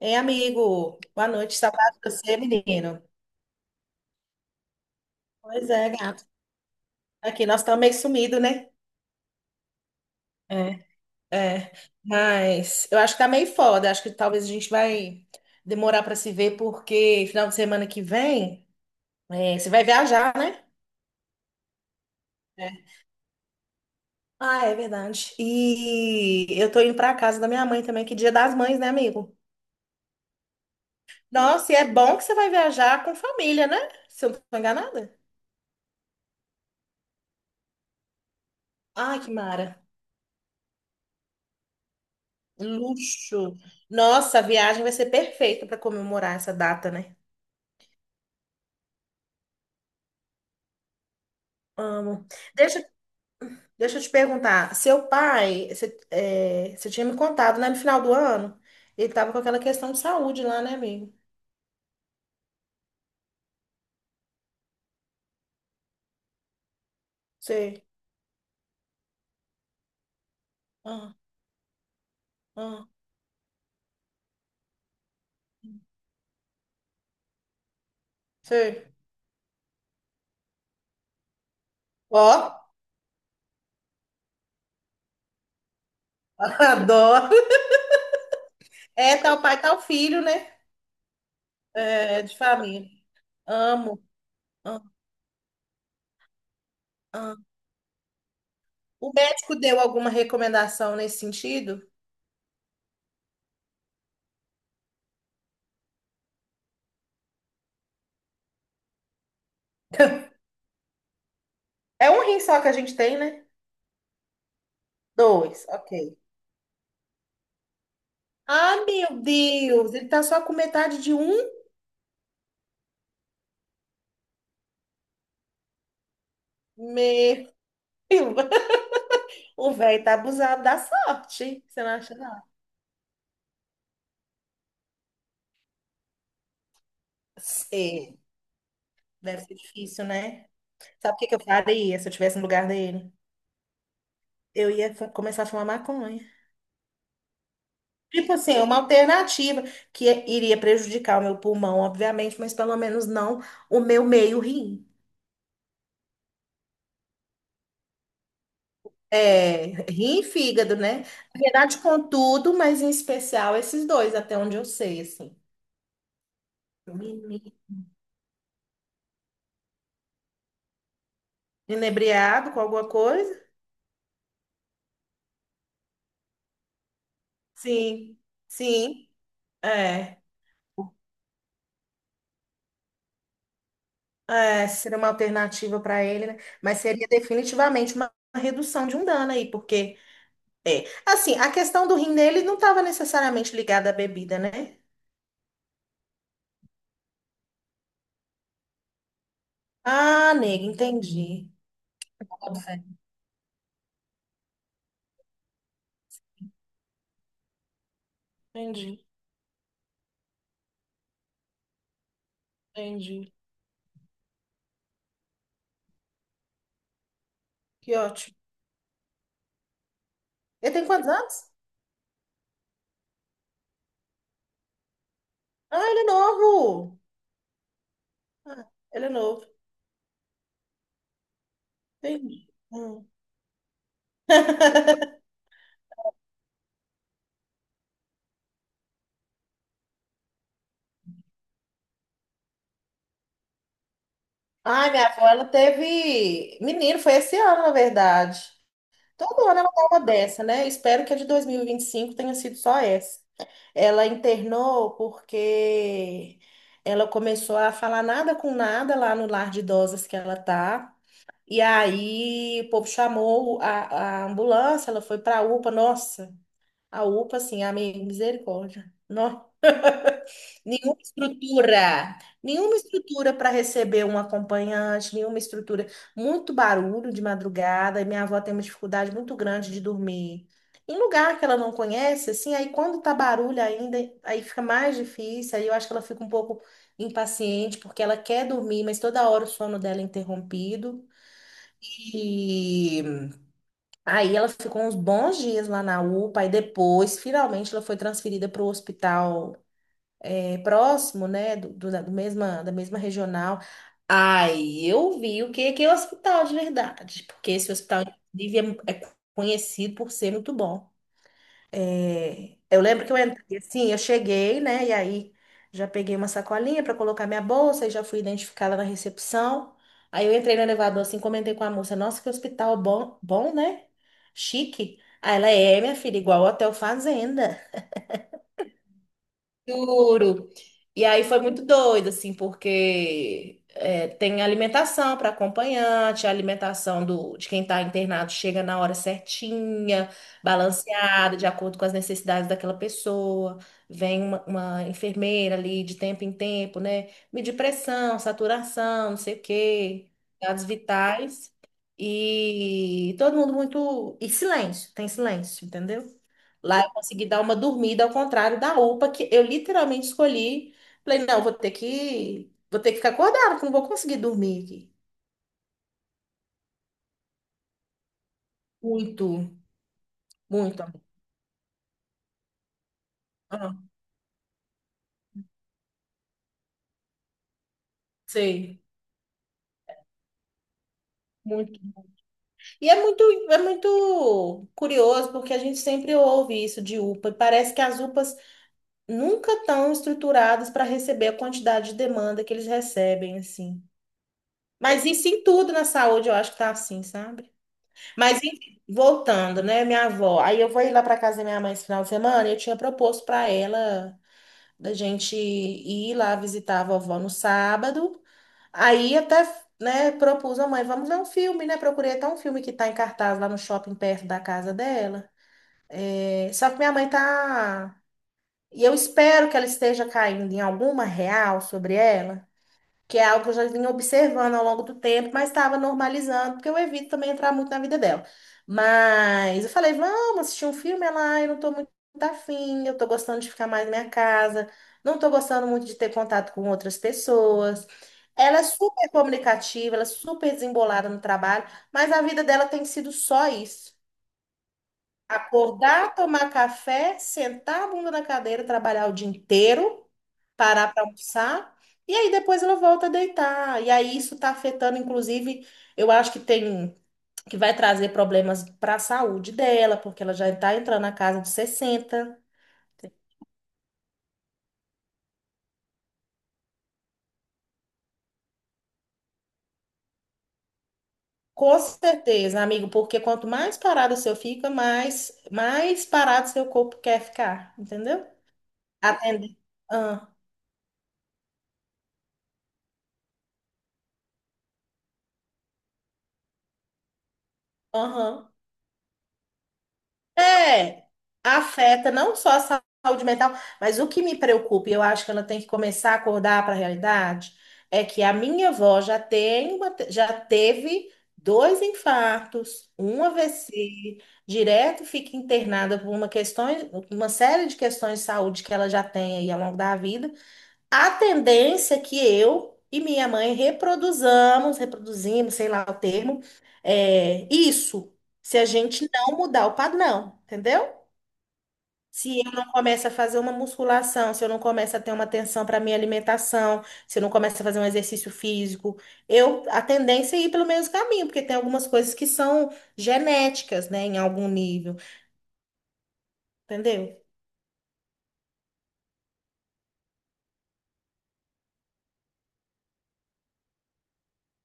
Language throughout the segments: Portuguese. Ei, amigo, boa noite, saudade de você, menino. Pois é, gato. Aqui, nós estamos meio sumido, né? É, é, mas eu acho que tá meio foda. Acho que talvez a gente vai demorar para se ver, porque final de semana que vem, você vai viajar, né? É. Ah, é verdade. E eu tô indo pra casa da minha mãe também, que é Dia das Mães, né, amigo? Nossa, e é bom que você vai viajar com família, né? Se eu não tô enganada. Ai, que mara. Luxo. Nossa, a viagem vai ser perfeita para comemorar essa data, né? Amo. Deixa, deixa eu te perguntar. Seu pai, você tinha me contado, né, no final do ano, ele tava com aquela questão de saúde lá, né, amigo? Sei. Ah, ah, sei. Ó, adoro. É tal pai, tal filho, né? É, de família. Amo. Ah, ah. O médico deu alguma recomendação nesse sentido? É um rim só que a gente tem, né? Dois, ok. Ah, meu Deus, ele tá só com metade de um? Meu, o velho tá abusado da sorte, você não acha, não? Sim, deve ser difícil, né? Sabe o que que eu faria se eu tivesse no lugar dele? Eu ia começar a fumar maconha. Tipo assim, é uma alternativa que iria prejudicar o meu pulmão, obviamente, mas pelo menos não o meu meio rim. É, rim e fígado, né? Na verdade, com tudo, mas em especial esses dois, até onde eu sei, assim. Menino. Inebriado com alguma coisa? Sim, sim. É. É, seria uma alternativa para ele, né? Mas seria definitivamente uma redução de um dano aí, porque é. Assim, a questão do rim dele não estava necessariamente ligada à bebida, né? Ah, nega, entendi. Bota fé. Entendi, entendi. Que ótimo. Ele tem quantos anos? Ah, ele é novo. Ah, ele é novo. Entendi. Hum. Ai, minha avó, ela teve menino, foi esse ano, na verdade. Todo ano ela dá uma dessa, né? Espero que a de 2025 tenha sido só essa. Ela internou porque ela começou a falar nada com nada lá no lar de idosas que ela tá. E aí o povo chamou a ambulância, ela foi pra UPA. Nossa, a UPA, assim, a misericórdia, misericórdia. Nenhuma estrutura, nenhuma estrutura para receber um acompanhante, nenhuma estrutura. Muito barulho de madrugada, e minha avó tem uma dificuldade muito grande de dormir. Em lugar que ela não conhece, assim, aí quando tá barulho ainda, aí fica mais difícil, aí eu acho que ela fica um pouco impaciente, porque ela quer dormir, mas toda hora o sono dela é interrompido. E aí ela ficou uns bons dias lá na UPA, e depois, finalmente, ela foi transferida para o hospital próximo, né, da mesma regional. Aí eu vi o que que é o hospital de verdade, porque esse hospital, inclusive, é conhecido por ser muito bom. É, eu lembro que eu entrei assim, eu cheguei, né, e aí já peguei uma sacolinha para colocar minha bolsa e já fui identificada na recepção. Aí eu entrei no elevador assim, comentei com a moça, nossa, que hospital bom, bom, né? Chique. Aí ela é, minha filha, igual o Hotel Fazenda. Juro. E aí foi muito doido, assim, porque tem alimentação para acompanhante, a alimentação de quem está internado chega na hora certinha, balanceada, de acordo com as necessidades daquela pessoa. Vem uma enfermeira ali de tempo em tempo, né? Medir pressão, saturação, não sei o quê, dados vitais. E todo mundo muito. E silêncio, tem silêncio, entendeu? Lá eu consegui dar uma dormida, ao contrário da UPA, que eu literalmente escolhi. Falei, não, vou ter que ficar acordada, que não vou conseguir dormir aqui. Muito, muito. Ah, sei, muito. E é muito curioso, porque a gente sempre ouve isso de UPA, e parece que as UPAs nunca estão estruturadas para receber a quantidade de demanda que eles recebem, assim. Mas isso em tudo na saúde, eu acho que tá assim, sabe? Mas enfim, voltando, né, minha avó. Aí eu vou ir lá para casa da minha mãe esse final de semana, e eu tinha proposto para ela da gente ir lá visitar a vovó no sábado. Aí até, né, propus à mãe, vamos ver um filme, né? Procurei até um filme que tá em cartaz lá no shopping perto da casa dela. É, só que minha mãe tá. E eu espero que ela esteja caindo em alguma real sobre ela, que é algo que eu já vinha observando ao longo do tempo, mas estava normalizando, porque eu evito também entrar muito na vida dela. Mas eu falei, vamos assistir um filme, ela, "Ai, eu não tô muito afim, eu tô gostando de ficar mais na minha casa, não tô gostando muito de ter contato com outras pessoas." Ela é super comunicativa, ela é super desembolada no trabalho, mas a vida dela tem sido só isso. Acordar, tomar café, sentar a bunda na cadeira, trabalhar o dia inteiro, parar para almoçar, e aí depois ela volta a deitar. E aí isso está afetando, inclusive, eu acho que tem que vai trazer problemas para a saúde dela, porque ela já está entrando na casa de sessenta. Com certeza, amigo, porque quanto mais parado o seu fica, mais parado seu corpo quer ficar, entendeu? Atender. Ah, aham. É, afeta não só a saúde mental, mas o que me preocupa, e eu acho que ela tem que começar a acordar para a realidade, é que a minha avó já teve dois infartos, um AVC, direto fica internada por uma série de questões de saúde que ela já tem aí ao longo da vida. A tendência é que eu e minha mãe reproduzamos, reproduzimos, sei lá o termo, isso, se a gente não mudar o padrão, entendeu? Se eu não começo a fazer uma musculação, se eu não começo a ter uma atenção para minha alimentação, se eu não começo a fazer um exercício físico, eu a tendência é ir pelo mesmo caminho, porque tem algumas coisas que são genéticas, né, em algum nível, entendeu?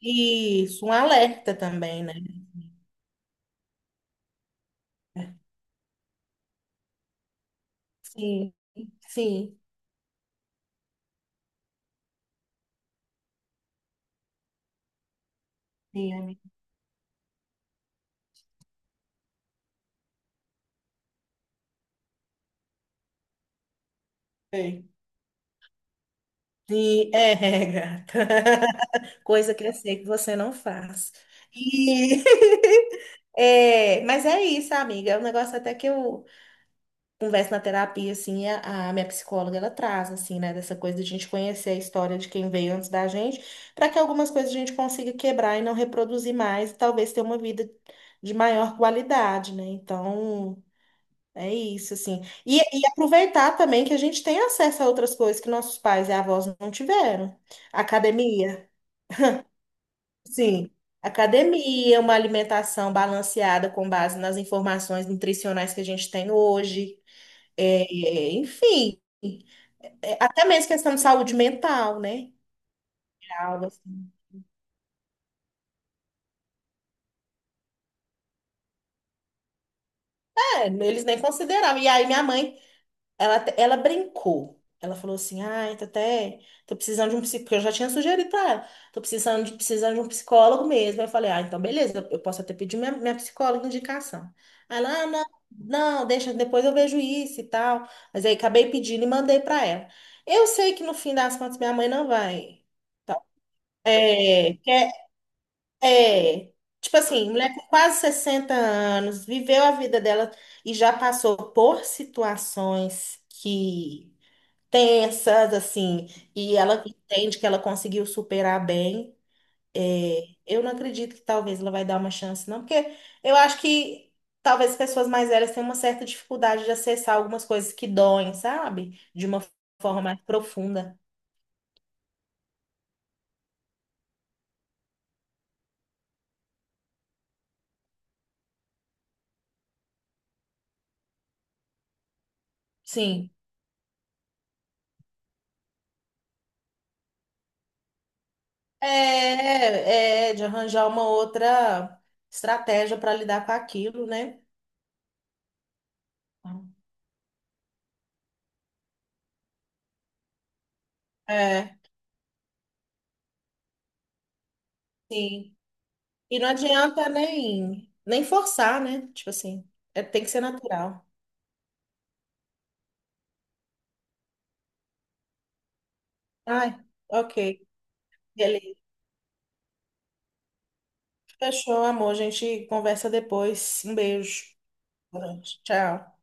Isso, um alerta também, né? Sim, sim, sim, amiga. Sim, é, gata. Coisa que eu sei que você não faz. E. É, mas é isso, amiga. É um negócio até que eu converso na terapia, assim, a minha psicóloga, ela traz, assim, né, dessa coisa de a gente conhecer a história de quem veio antes da gente, para que algumas coisas a gente consiga quebrar e não reproduzir mais, e talvez ter uma vida de maior qualidade, né? Então, é isso, assim. E aproveitar também que a gente tem acesso a outras coisas que nossos pais e avós não tiveram. Academia, sim. Academia, uma alimentação balanceada com base nas informações nutricionais que a gente tem hoje. É, enfim, até mesmo questão de saúde mental, né? Algo assim. É, eles nem consideravam. E aí minha mãe, ela brincou. Ela falou assim: ai, tô até. Tô precisando de um psicólogo. Eu já tinha sugerido pra ela. Tô precisando de um psicólogo mesmo. Eu falei: ah, então beleza, eu posso até pedir minha psicóloga indicação. Aí ela, ah, não, não, deixa, depois eu vejo isso e tal. Mas aí acabei pedindo e mandei pra ela. Eu sei que no fim das contas minha mãe não vai. É, quer, é, tipo assim, mulher com quase 60 anos, viveu a vida dela e já passou por situações que tensas, assim, e ela entende que ela conseguiu superar bem. É, eu não acredito que talvez ela vai dar uma chance, não, porque eu acho que talvez as pessoas mais velhas tenham uma certa dificuldade de acessar algumas coisas que doem, sabe? De uma forma mais profunda. Sim. É, é de arranjar uma outra estratégia para lidar com aquilo, né? É, sim. E não adianta nem forçar, né? Tipo assim, tem que ser natural. Ai, ok. Beleza. Fechou, amor. A gente conversa depois. Um beijo. Boa noite. Tchau.